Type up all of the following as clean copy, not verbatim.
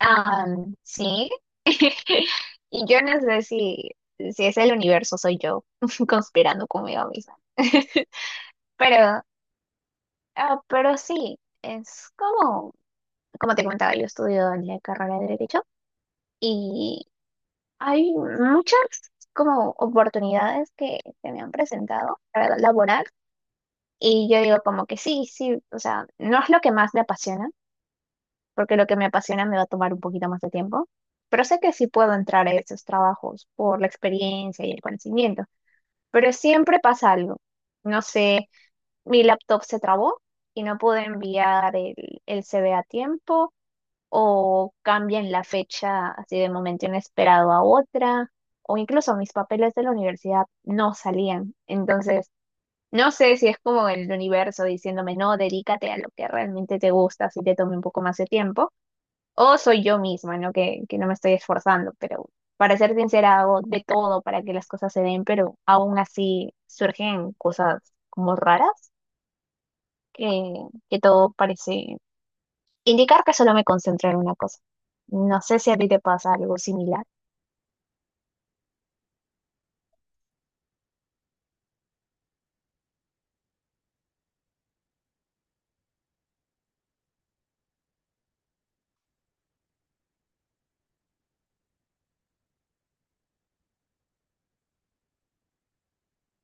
Ah, sí. Y yo no sé si es el universo, soy yo conspirando conmigo misma. Pero, pero sí, es como te comentaba, yo estudio en la carrera de Derecho y hay muchas como oportunidades que se me han presentado para laborar y yo digo como que sí, sí, o sea, no es lo que más me apasiona, porque lo que me apasiona me va a tomar un poquito más de tiempo. Pero sé que sí puedo entrar a esos trabajos por la experiencia y el conocimiento. Pero siempre pasa algo. No sé, mi laptop se trabó y no pude enviar el CV a tiempo, o cambian la fecha así de momento inesperado a otra, o incluso mis papeles de la universidad no salían. Entonces, no sé si es como el universo diciéndome, no, dedícate a lo que realmente te gusta, si te tome un poco más de tiempo o soy yo misma, ¿no? Que no me estoy esforzando, pero para ser sincera, hago de todo para que las cosas se den, pero aún así surgen cosas como raras que, que todo parece indicar que solo me concentro en una cosa. No sé si a ti te pasa algo similar.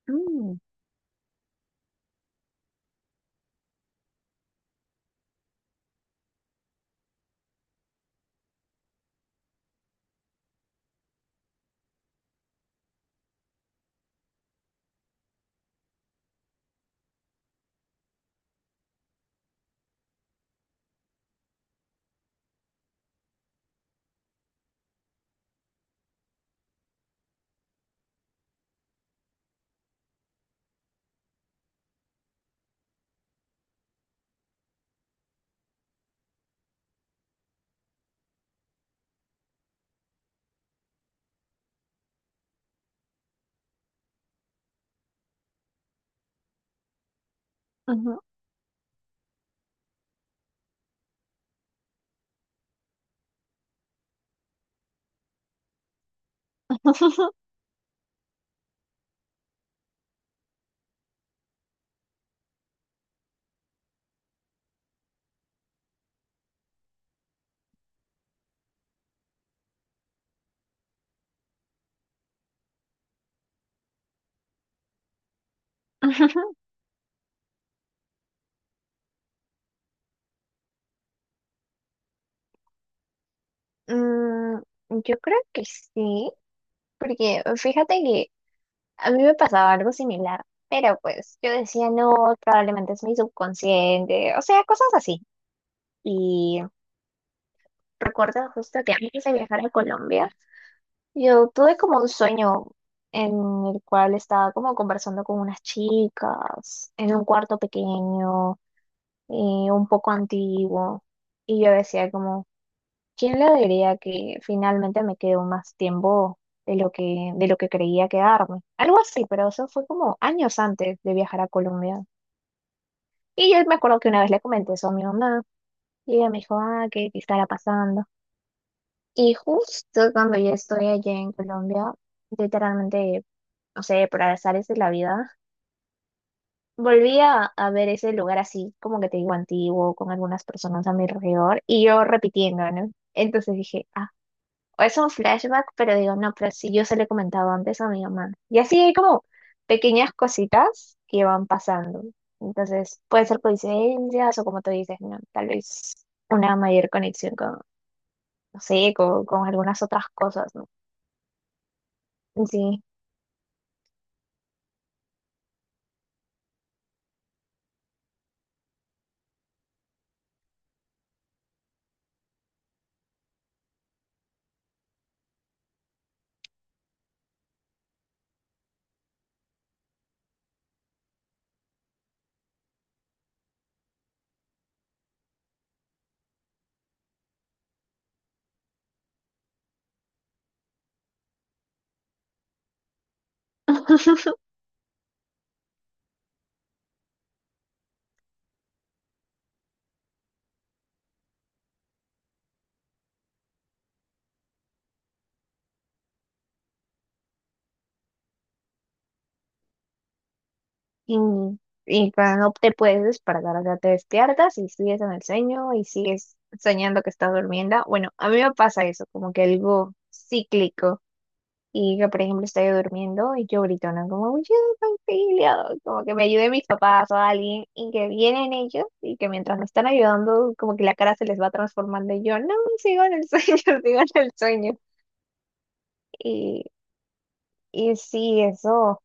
Mm, ujú. Mm, yo creo que sí, porque fíjate que a mí me pasaba algo similar, pero pues yo decía, no, probablemente es mi subconsciente, o sea, cosas así. Y recuerdo justo que antes de viajar a Colombia, yo tuve como un sueño en el cual estaba como conversando con unas chicas en un cuarto pequeño y un poco antiguo. Y yo decía como, ¿quién le diría que finalmente me quedó más tiempo de lo que, creía quedarme? Algo así, pero eso fue como años antes de viajar a Colombia. Y yo me acuerdo que una vez le comenté eso a mi mamá y ella me dijo, ah, ¿qué, qué estará pasando? Y justo cuando yo estoy allá en Colombia, literalmente, no sé, por azares de la vida, volví a ver ese lugar así, como que te digo, antiguo, con algunas personas a mi alrededor y yo repitiendo, ¿no? Entonces dije, ah. O es un flashback, pero digo, no, pero si yo se lo he comentado antes a mi mamá. Y así hay como pequeñas cositas que van pasando. Entonces, pueden ser coincidencias o como tú dices, ¿no? Tal vez una mayor conexión con, no sé, con algunas otras cosas, ¿no? Sí. Y, y cuando te puedes despertar, o sea, te despiertas y sigues en el sueño y sigues soñando que estás durmiendo. Bueno, a mí me pasa eso, como que algo cíclico. Y que, por ejemplo, estoy durmiendo y yo grito, ¿no? Como, "Uy, auxilio, como que me ayude mis papás o alguien, y que vienen ellos, y que mientras me están ayudando, como que la cara se les va transformando, y yo, no, sigo en el sueño, sigo en el sueño. Y, y sí, eso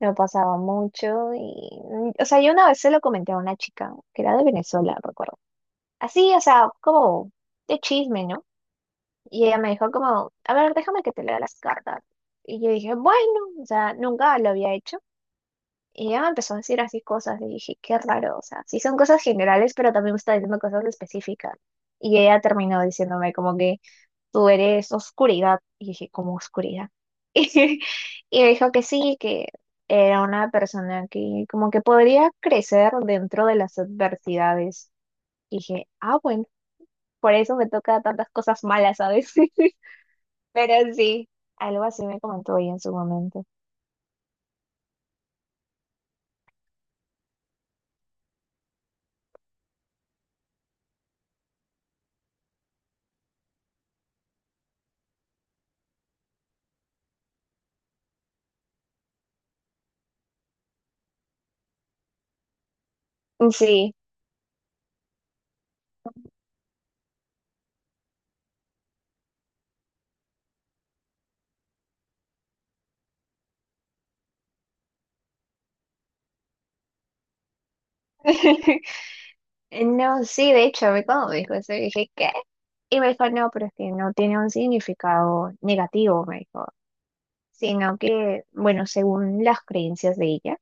me pasaba mucho, y, o sea, yo una vez se lo comenté a una chica, que era de Venezuela, recuerdo. Así, o sea, como de chisme, ¿no? Y ella me dijo como, a ver, déjame que te lea las cartas. Y yo dije, bueno, o sea, nunca lo había hecho. Y ella me empezó a decir así cosas y dije, qué raro, o sea, sí son cosas generales, pero también me está diciendo cosas específicas. Y ella terminó diciéndome como que tú eres oscuridad. Y dije, ¿cómo oscuridad? Y me dijo que sí, que era una persona que como que podría crecer dentro de las adversidades. Y dije, ah, bueno, por eso me toca tantas cosas malas, ¿sabes? Pero sí, algo así me comentó ella en su momento. Sí. No, sí, de hecho, a mí cuando me dijo eso, yo dije, ¿qué? Y me dijo, no, pero es que no tiene un significado negativo, me dijo, sino que, bueno, según las creencias de ella,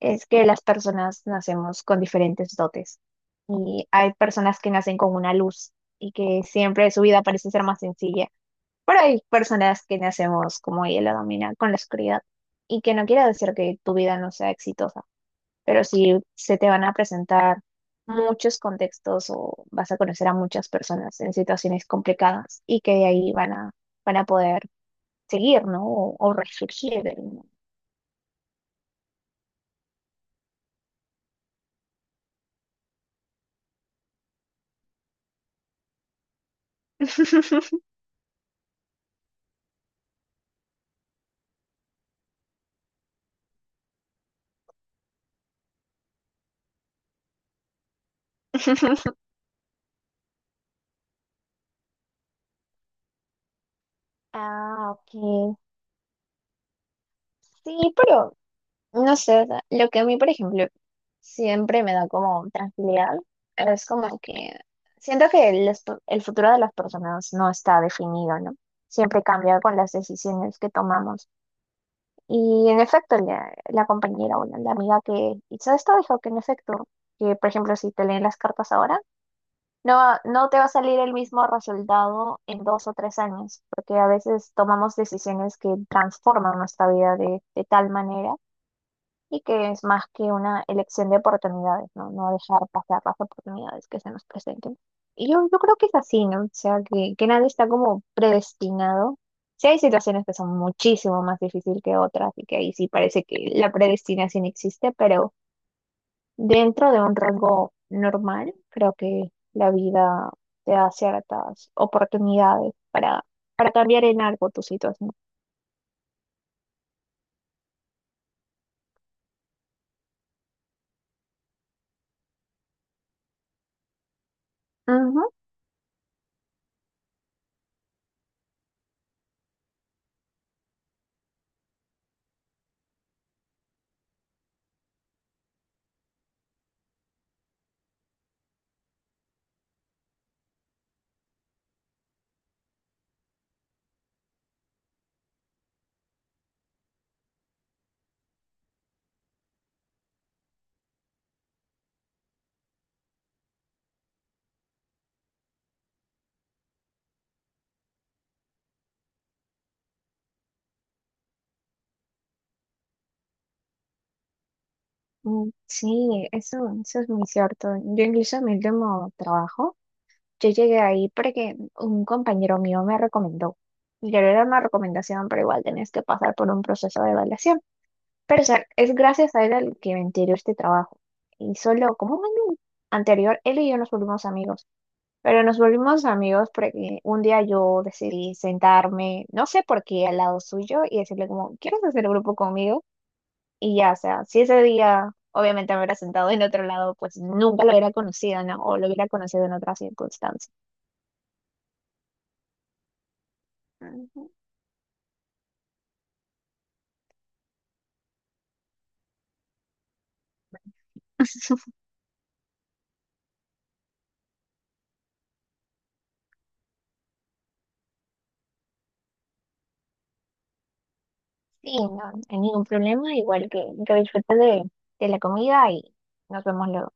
es que las personas nacemos con diferentes dotes. Y hay personas que nacen con una luz y que siempre su vida parece ser más sencilla, pero hay personas que nacemos, como ella lo domina, con la oscuridad. Y que no quiere decir que tu vida no sea exitosa pero si se te van a presentar muchos contextos o vas a conocer a muchas personas en situaciones complicadas y que de ahí van a, poder seguir, ¿no? O resurgir, ¿no? Ah, ok. Sí, pero no sé, o sea, lo que a mí, por ejemplo, siempre me da como tranquilidad es como que siento que el futuro de las personas no está definido, ¿no? Siempre cambia con las decisiones que tomamos. Y en efecto, la, compañera o la amiga que hizo esto dijo que en efecto, que por ejemplo, si te leen las cartas ahora, no, va- no te va a salir el mismo resultado en 2 o 3 años, porque a veces tomamos decisiones que transforman nuestra vida de tal manera y que es más que una elección de oportunidades, ¿no? No dejar pasar las oportunidades que se nos presenten. Y yo, creo que es así, ¿no? O sea, que nadie está como predestinado. Sí hay situaciones que son muchísimo más difíciles que otras y que ahí sí parece que la predestinación existe, pero dentro de un rango normal, creo que la vida te da ciertas oportunidades para, cambiar en algo tu situación. Ujú. Mm, sí, eso es muy cierto. Yo incluso en mi último trabajo, yo llegué ahí porque un compañero mío me recomendó. Y claro, era una recomendación, pero igual tenés que pasar por un proceso de evaluación. Pero o sea, es gracias a él al que me enteró este trabajo. Y solo como un año anterior, él y yo nos volvimos amigos. Pero nos volvimos amigos porque un día yo decidí sentarme, no sé por qué, al lado suyo y decirle como, ¿quieres hacer grupo conmigo? Y ya, o sea, si ese día obviamente me hubiera sentado en otro lado, pues nunca lo hubiera conocido, ¿no? O lo hubiera conocido en otras circunstancias. Ujú. Sí, no, no hay ningún problema, igual que disfrutes de la comida y nos vemos luego.